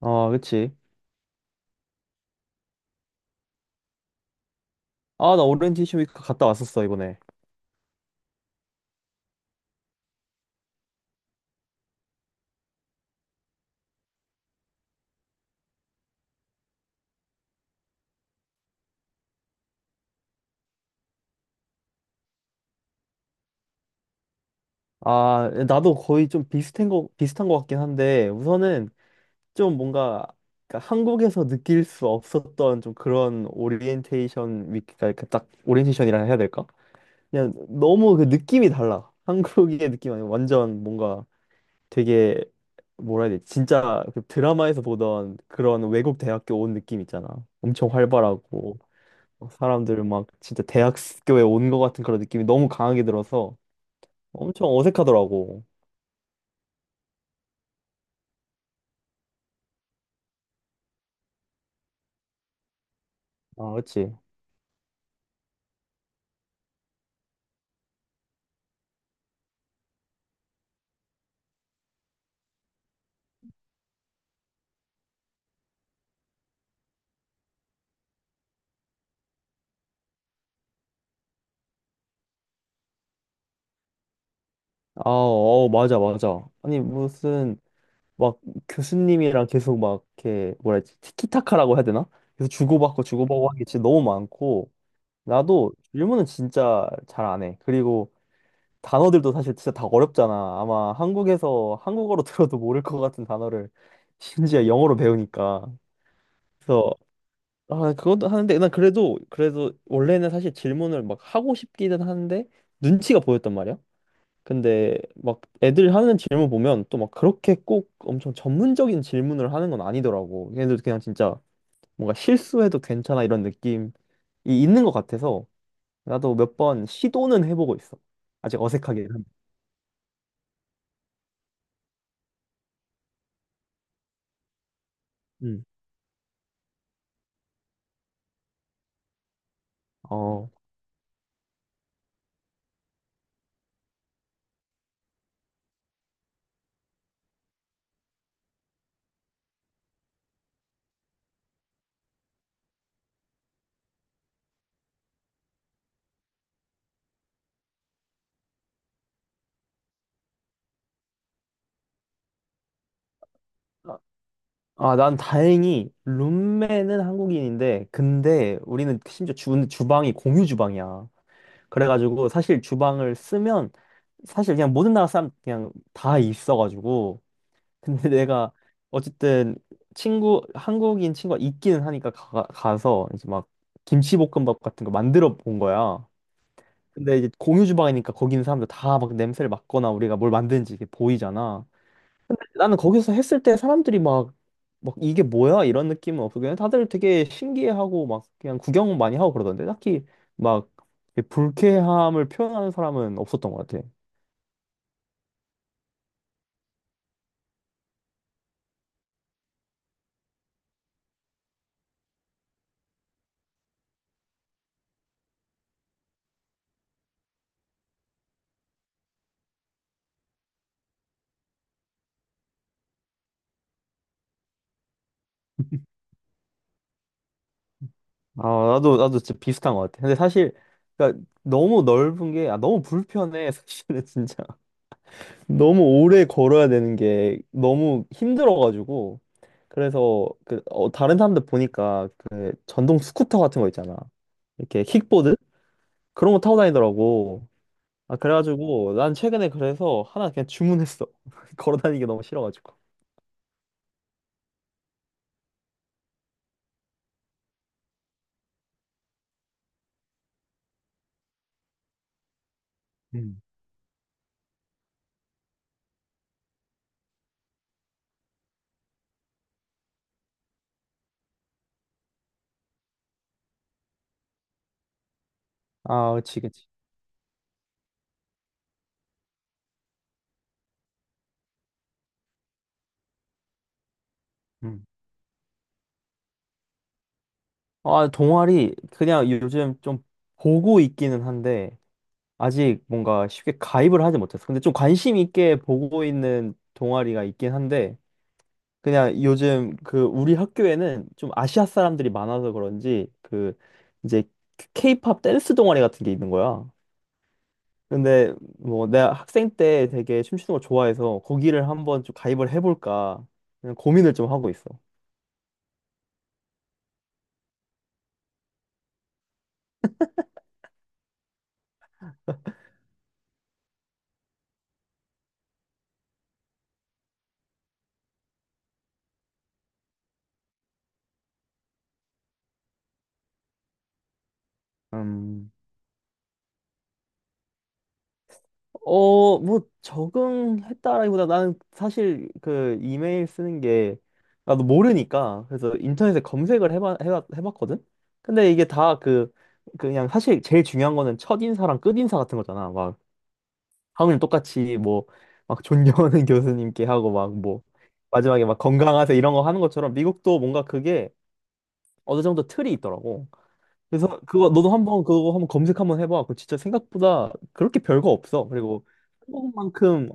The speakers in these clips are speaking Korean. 아, 그치. 아, 나 오리엔테이션 위크 갔다 왔었어, 이번에. 아, 나도 거의 좀 비슷한 거, 비슷한 거 같긴 한데, 우선은 좀 뭔가, 그러니까 한국에서 느낄 수 없었던 좀 그런 오리엔테이션 위크가, 이렇게 딱, 오리엔테이션이라 해야 될까? 그냥 너무 그 느낌이 달라. 한국의 느낌 아니고 완전 뭔가 되게, 뭐라 해야 되지? 진짜 그 드라마에서 보던 그런 외국 대학교 온 느낌 있잖아. 엄청 활발하고. 사람들 막 진짜 대학교에 온 것 같은 그런 느낌이 너무 강하게 들어서 엄청 어색하더라고. 아, 그치. 아, 어, 맞아, 맞아. 아니, 무슨 막 교수님이랑 계속 막 이렇게 뭐라 해야 지 티키타카라고 해야 되나? 계속 주고받고 주고받고 하는 게 진짜 너무 많고 나도 질문은 진짜 잘 안 해. 그리고 단어들도 사실 진짜 다 어렵잖아. 아마 한국에서 한국어로 들어도 모를 것 같은 단어를 심지어 영어로 배우니까. 그래서 아, 그것도 하는데, 난 그래도, 원래는 사실 질문을 막 하고 싶기는 하는데, 눈치가 보였단 말이야. 근데, 막 애들 하는 질문 보면 또 막 그렇게 꼭 엄청 전문적인 질문을 하는 건 아니더라고. 걔네들 그냥 진짜 뭔가 실수해도 괜찮아 이런 느낌이 있는 것 같아서, 나도 몇 번 시도는 해보고 있어. 아직 어색하게. 음. 어. 아, 난 다행히 룸메는 한국인인데, 근데 우리는 심지어 주, 주방이 공유 주방이야. 그래가지고 사실 주방을 쓰면 사실 그냥 모든 나라 사람 그냥 다 있어가지고 근데 내가 어쨌든 친구 한국인 친구가 있기는 하니까 가, 가서 이제 막 김치볶음밥 같은 거 만들어 본 거야. 근데 이제 공유 주방이니까 거기 있는 사람들 다 막 냄새를 맡거나 우리가 뭘 만드는지 이게 보이잖아. 나는 거기서 했을 때 사람들이 막, 막 이게 뭐야? 이런 느낌은 없고 그냥 다들 되게 신기해하고 막 그냥 구경 많이 하고 그러던데 딱히 막 불쾌함을 표현하는 사람은 없었던 것 같아. 아, 나도 진짜 비슷한 것 같아. 근데 사실, 그러니까 너무 넓은 게, 아, 너무 불편해. 사실은 진짜. 너무 오래 걸어야 되는 게 너무 힘들어가지고. 그래서 그, 다른 사람들 보니까 그 전동 스쿠터 같은 거 있잖아. 이렇게 킥보드? 그런 거 타고 다니더라고. 아, 그래가지고 난 최근에 그래서 하나 그냥 주문했어. 걸어 다니기 너무 싫어가지고. 음. 아, 그치, 그치. 음. 아, 동아리 그냥 요즘 좀 보고 있기는 한데 아직 뭔가 쉽게 가입을 하지 못했어. 근데 좀 관심 있게 보고 있는 동아리가 있긴 한데 그냥 요즘 그 우리 학교에는 좀 아시아 사람들이 많아서 그런지 그 이제 케이팝 댄스 동아리 같은 게 있는 거야. 근데 뭐 내가 학생 때 되게 춤추는 걸 좋아해서 거기를 한번 좀 가입을 해볼까 그냥 고민을 좀 하고 있어. 음, 어, 뭐 적응했다라기보다 나는 사실 그 이메일 쓰는 게 나도 모르니까 그래서 인터넷에 검색을 해봤거든? 근데 이게 다 그 그냥 사실 제일 중요한 거는 첫인사랑 끝인사 같은 거잖아. 막 하물며 똑같이 뭐 막 존경하는 교수님께 하고 막 뭐 마지막에 막 건강하세요 이런 거 하는 것처럼 미국도 뭔가 그게 어느 정도 틀이 있더라고. 그래서 그거 너도 한번 그거 한번 검색 한번 해봐. 그거 진짜 생각보다 그렇게 별거 없어. 그리고 한국만큼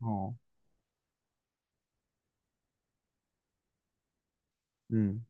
어, 음,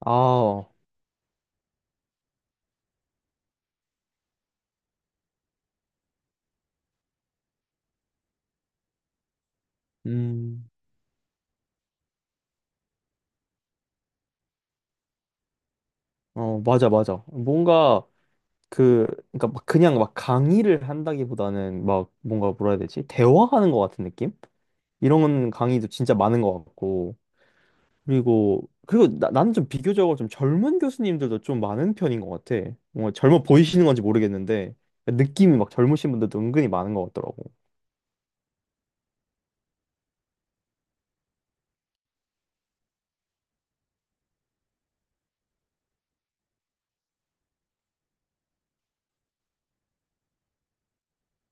아, 음, 어, 맞아, 맞아. 뭔가 그, 그러니까 막 그냥 막 강의를 한다기보다는 막 뭔가 뭐라 해야 되지? 대화하는 것 같은 느낌? 이런 강의도 진짜 많은 것 같고. 그리고 나, 나는 좀 비교적으로 좀 젊은 교수님들도 좀 많은 편인 것 같아. 뭔가 젊어 보이시는 건지 모르겠는데 느낌이 막 젊으신 분들도 은근히 많은 것 같더라고.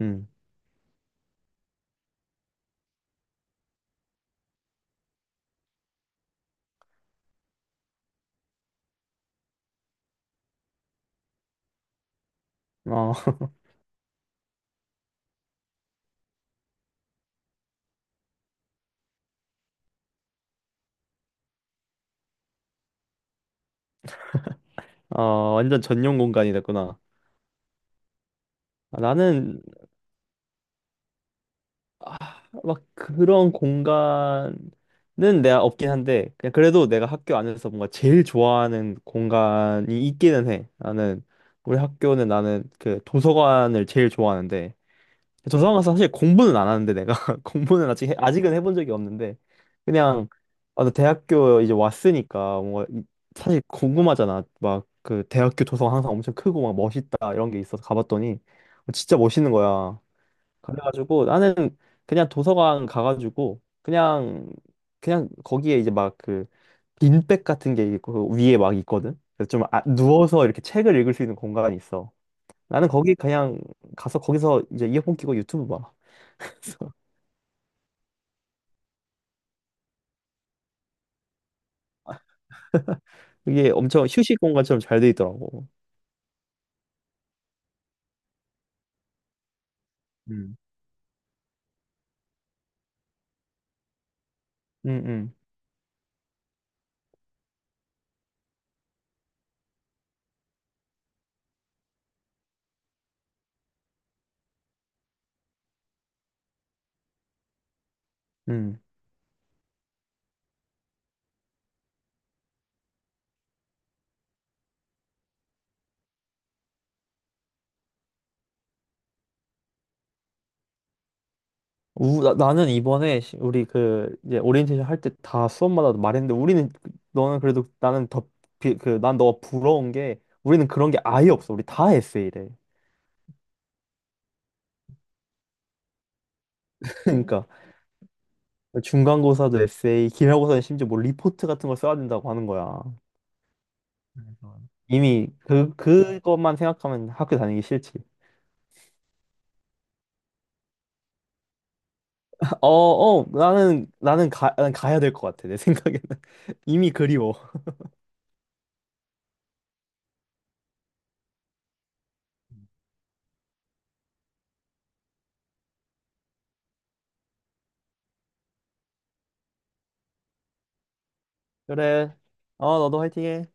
음. 어, 어, 완전 전용 공간이 됐구나. 아, 나는 막 그런 공간은 내가 없긴 한데 그냥 그래도 내가 학교 안에서 뭔가 제일 좋아하는 공간이 있기는 해. 나는 우리 학교는 나는 그 도서관을 제일 좋아하는데 도서관 가서 사실 공부는 안 하는데 내가 공부는 아직은 해본 적이 없는데 그냥 아, 나 대학교 이제 왔으니까 뭔가 이- 사실 궁금하잖아. 막 그 대학교 도서관 항상 엄청 크고 막 멋있다 이런 게 있어서 가봤더니 진짜 멋있는 거야. 그래가지고 나는 그냥 도서관 가가지고 그냥 그냥 거기에 이제 막 그 빈백 같은 게 있고 그 위에 막 있거든. 그래서 좀 아- 누워서 이렇게 책을 읽을 수 있는 공간이 있어. 나는 거기 그냥 가서 거기서 이제 이어폰 끼고 유튜브 봐. 그래서 이게 엄청 휴식 공간처럼 잘 돼 있더라고. 음. 음, 음, 음. 우, 나, 나는 이번에 시- 우리 그 이제 오리엔테이션 할 때 다 수업마다 말했는데 우리는 그- 너는 그래도 나는 더 그 난 너가 부러운 게 우리는 그런 게 아예 없어. 우리 다 에세이래. 그러니까 중간고사도 에세이, 기말고사는 심지어 뭐 리포트 같은 걸 써야 된다고 하는 거야. 이미 그 그것만 생각하면 학교 다니기 싫지. 어, 어, 나는, 나는 가, 난 가야 될 것 같아, 내 생각에는. 이미 그리워. 그래. 어, 너도 화이팅해.